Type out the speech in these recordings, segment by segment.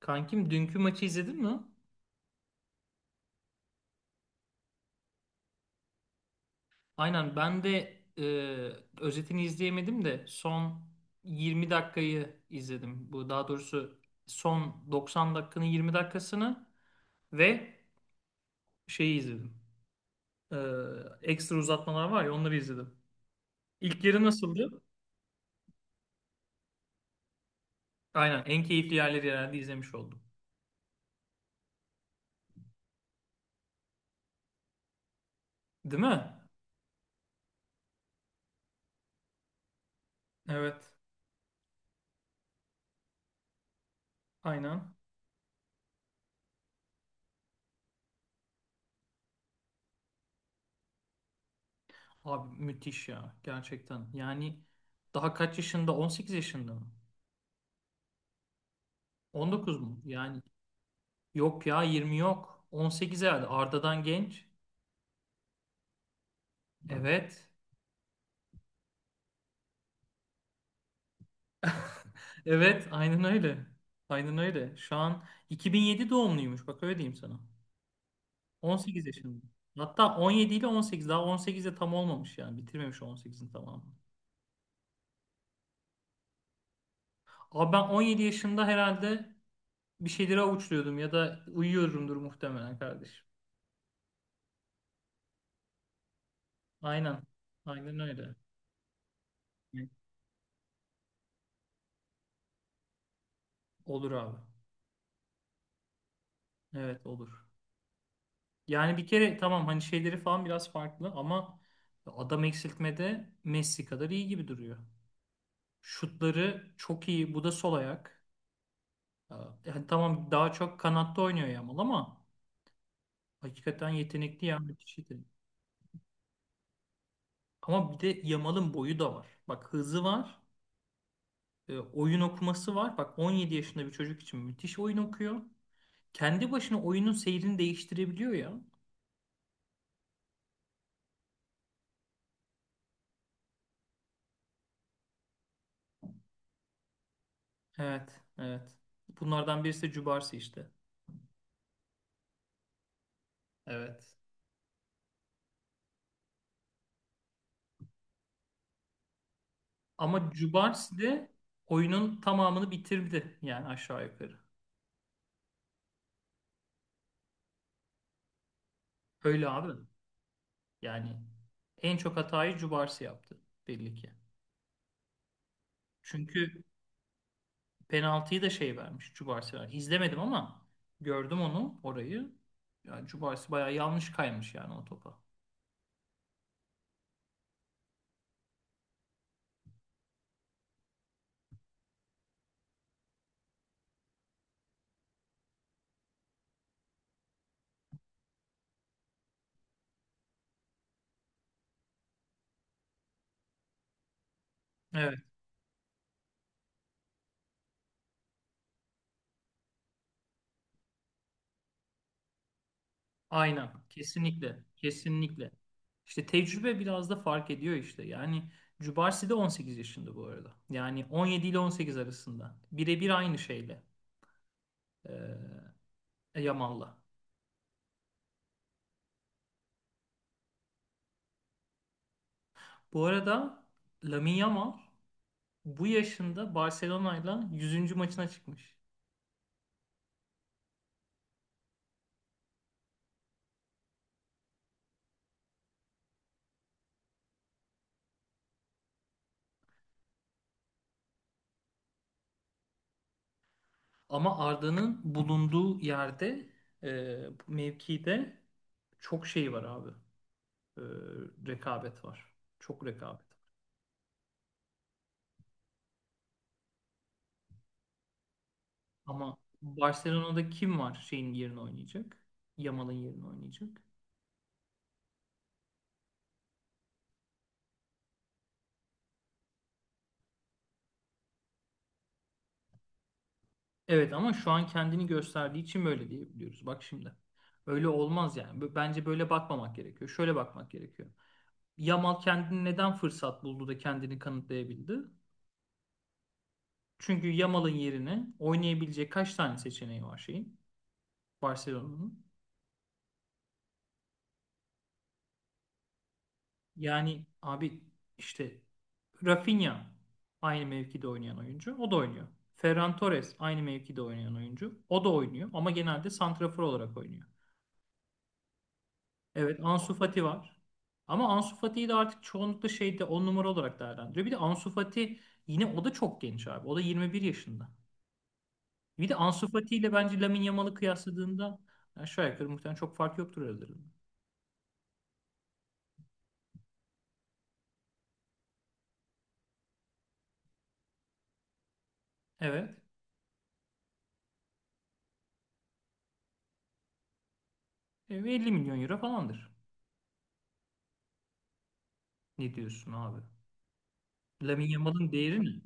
Kankim dünkü maçı izledin mi? Aynen ben de e, özetini izleyemedim de son 20 dakikayı izledim. Bu daha doğrusu son 90 dakikanın 20 dakikasını ve şeyi izledim. E, ekstra uzatmalar var ya onları izledim. İlk yarı nasıldı? Aynen en keyifli yerleri herhalde izlemiş oldum. Değil mi? Evet. Aynen. Abi müthiş ya gerçekten. Yani daha kaç yaşında? 18 yaşında mı? 19 mu? Yani yok ya 20 yok. 18 herhalde. Arda'dan genç. Evet. Evet, aynen öyle. Aynen öyle. Şu an 2007 doğumluymuş. Bak öyle diyeyim sana. 18 yaşında. Hatta 17 ile 18. Daha 18 de tam olmamış yani. Bitirmemiş 18'in tamamını. Abi ben 17 yaşında herhalde bir şeyleri avuçluyordum ya da uyuyorumdur muhtemelen kardeşim. Aynen. Aynen öyle. Olur abi. Evet olur. Yani bir kere tamam hani şeyleri falan biraz farklı ama adam eksiltmede Messi kadar iyi gibi duruyor. Şutları çok iyi. Bu da sol ayak. Ee, Yani tamam daha çok kanatta oynuyor Yamal ama hakikaten yetenekli ya müthiş yetenekli. Ama bir de Yamal'ın boyu da var. Bak hızı var. Oyun okuması var. Bak 17 yaşında bir çocuk için müthiş oyun okuyor. Kendi başına oyunun seyrini değiştirebiliyor ya. Evet, evet. Bunlardan birisi de Cubarsi işte. Evet. Ama Jubars'ı de oyunun tamamını bitirdi yani aşağı yukarı. Öyle abi. Yani en çok hatayı Jubars yaptı belli ki. Çünkü penaltıyı da şey vermiş Jubars vermiş. İzlemedim ama gördüm onu orayı. Yani Jubars bayağı yanlış kaymış yani o topa. Evet, aynen. Kesinlikle. Kesinlikle. İşte tecrübe biraz da fark ediyor işte. Yani Cubarsi de 18 yaşında bu arada. Yani 17 ile 18 arasında. Birebir aynı şeyle. Ee, Yamal'la. Bu arada Lamine Yamal bu yaşında Barcelona'yla 100. maçına çıkmış. Ama Arda'nın bulunduğu yerde e, mevkide çok şey var abi. E, rekabet var. Çok rekabet. Ama Barcelona'da kim var şeyin yerine oynayacak? Yamal'ın yerine oynayacak. Evet ama şu an kendini gösterdiği için böyle diyebiliyoruz. Bak şimdi. Öyle olmaz yani. Bence böyle bakmamak gerekiyor. Şöyle bakmak gerekiyor. Yamal kendini neden fırsat buldu da kendini kanıtlayabildi? Çünkü Yamal'ın yerine oynayabilecek kaç tane seçeneği var şeyin? Barcelona'nın. Yani abi işte Rafinha aynı mevkide oynayan oyuncu. O da oynuyor. Ferran Torres aynı mevkide oynayan oyuncu. O da oynuyor ama genelde santrafor olarak oynuyor. Evet Ansu Fati var. Ama Ansu Fati'yi de artık çoğunlukla şeyde 10 numara olarak değerlendiriyor. Bir de Ansu Fati yine o da çok genç abi. O da 21 yaşında. Bir de Ansu Fati ile bence Lamine Yamal'ı kıyasladığında aşağı yukarı muhtemelen çok fark yoktur aralarında. Evet. 50 milyon euro falandır. Ne diyorsun abi? Lamine Yamal'ın değeri ne?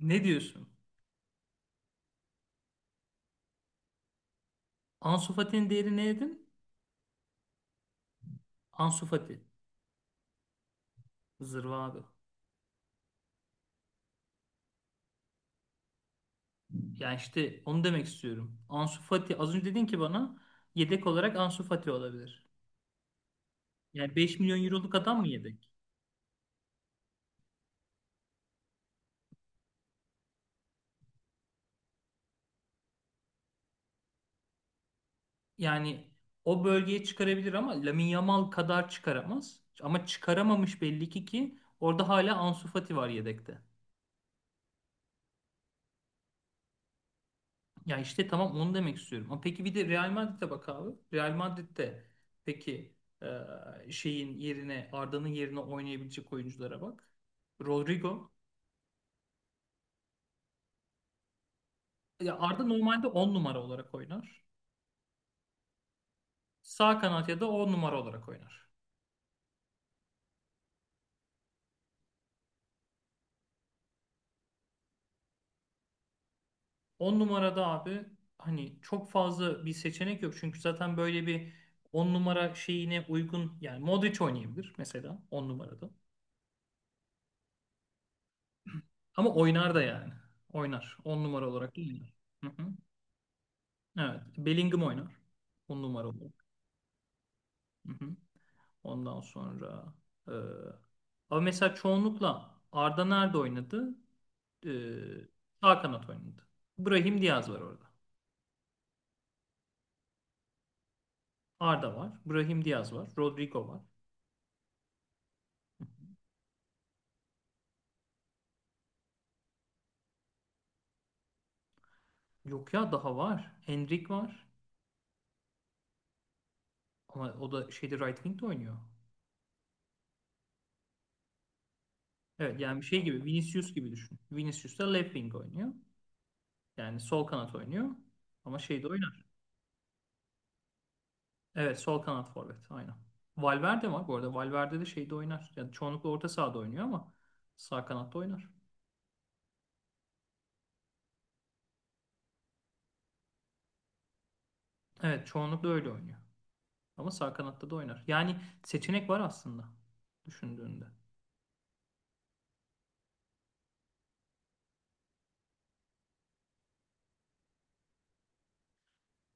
Ne diyorsun? Ansu Fati'nin değeri ne dedin? Ansu Fati. Zırva abi. Yani işte onu demek istiyorum. Ansu Fati az önce dedin ki bana yedek olarak Ansu Fati olabilir. Yani 5 milyon euroluk adam mı yedek? Yani o bölgeye çıkarabilir ama Lamine Yamal kadar çıkaramaz. Ama çıkaramamış belli ki ki orada hala Ansu Fati var yedekte. Ya işte tamam onu demek istiyorum. Ama peki bir de Real Madrid'e bak abi. Real Madrid'de peki şeyin yerine Arda'nın yerine oynayabilecek oyunculara bak. Rodrigo. Ya Arda normalde 10 numara olarak oynar. Sağ kanat ya da 10 numara olarak oynar. 10 numarada abi hani çok fazla bir seçenek yok. Çünkü zaten böyle bir 10 numara şeyine uygun yani Modric oynayabilir mesela 10 numarada. Ama oynar da yani. Oynar. On numara olarak da oynar. Hı hı. Evet. Bellingham oynar. On numara olarak. Hı hı. Ondan sonra e, ama mesela çoğunlukla Arda nerede oynadı? E, sağ kanat oynadı. Brahim Diaz var orada. Arda var. Brahim Diaz var. Rodrigo var. Yok ya daha var. Endrick var. Ama o da şeyde right wing'de oynuyor. Evet yani şey gibi Vinicius gibi düşün. Vinicius da left wing oynuyor. Yani sol kanat oynuyor. Ama şeyde oynar. Evet sol kanat forvet aynen. Valverde var bu arada. Valverde de şeyde oynar. Yani çoğunlukla orta sahada oynuyor ama sağ kanatta oynar. Evet çoğunlukla öyle oynuyor. Ama sağ kanatta da oynar. Yani seçenek var aslında düşündüğünde.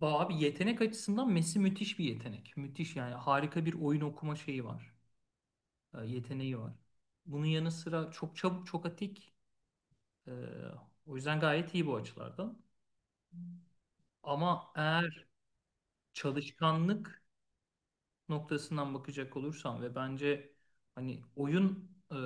Abi yetenek açısından Messi müthiş bir yetenek. Müthiş yani harika bir oyun okuma şeyi var. Yeteneği var. Bunun yanı sıra çok çabuk, çok atik. E, o yüzden gayet iyi bu açılardan. Ama eğer çalışkanlık noktasından bakacak olursam ve bence hani oyun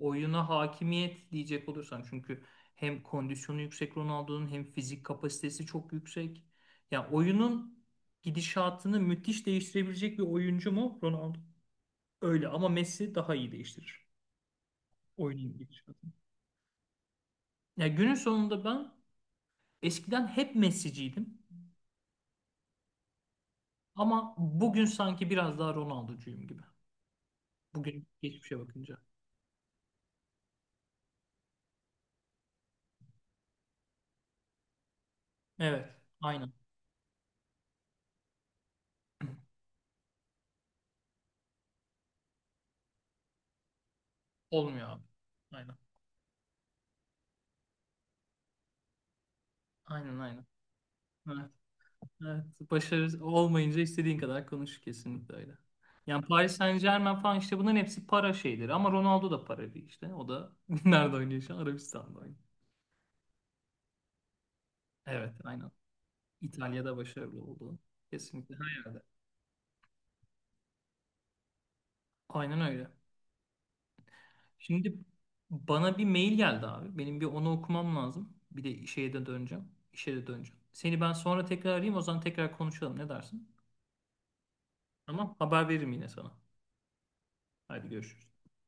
oyuna hakimiyet diyecek olursam çünkü hem kondisyonu yüksek Ronaldo'nun hem fizik kapasitesi çok yüksek. Yani oyunun gidişatını müthiş değiştirebilecek bir oyuncu mu Ronaldo? Öyle ama Messi daha iyi değiştirir. Oyunun gidişatını. Ya günün sonunda ben eskiden hep Messi'ciydim. Ama bugün sanki biraz daha Ronaldo'cuyum gibi. Bugün geçmişe bakınca. Evet, aynen. Olmuyor abi. Aynen. Aynen aynen. Evet. Evet. Başarı olmayınca istediğin kadar konuş kesinlikle öyle. Yani Paris Saint-Germain falan işte bunların hepsi para şeyleri. Ama Ronaldo da para değil işte. O da nerede oynuyor şu an? Arabistan'da oynuyor. Evet aynen. İtalya'da başarılı oldu. Kesinlikle her yerde. Aynen öyle. Şimdi bana bir mail geldi abi. Benim bir onu okumam lazım. Bir de şeye de döneceğim. İşe de döneceğim. Seni ben sonra tekrar arayayım. O zaman tekrar konuşalım. Ne dersin? Tamam. Haber veririm yine sana. Hadi görüşürüz.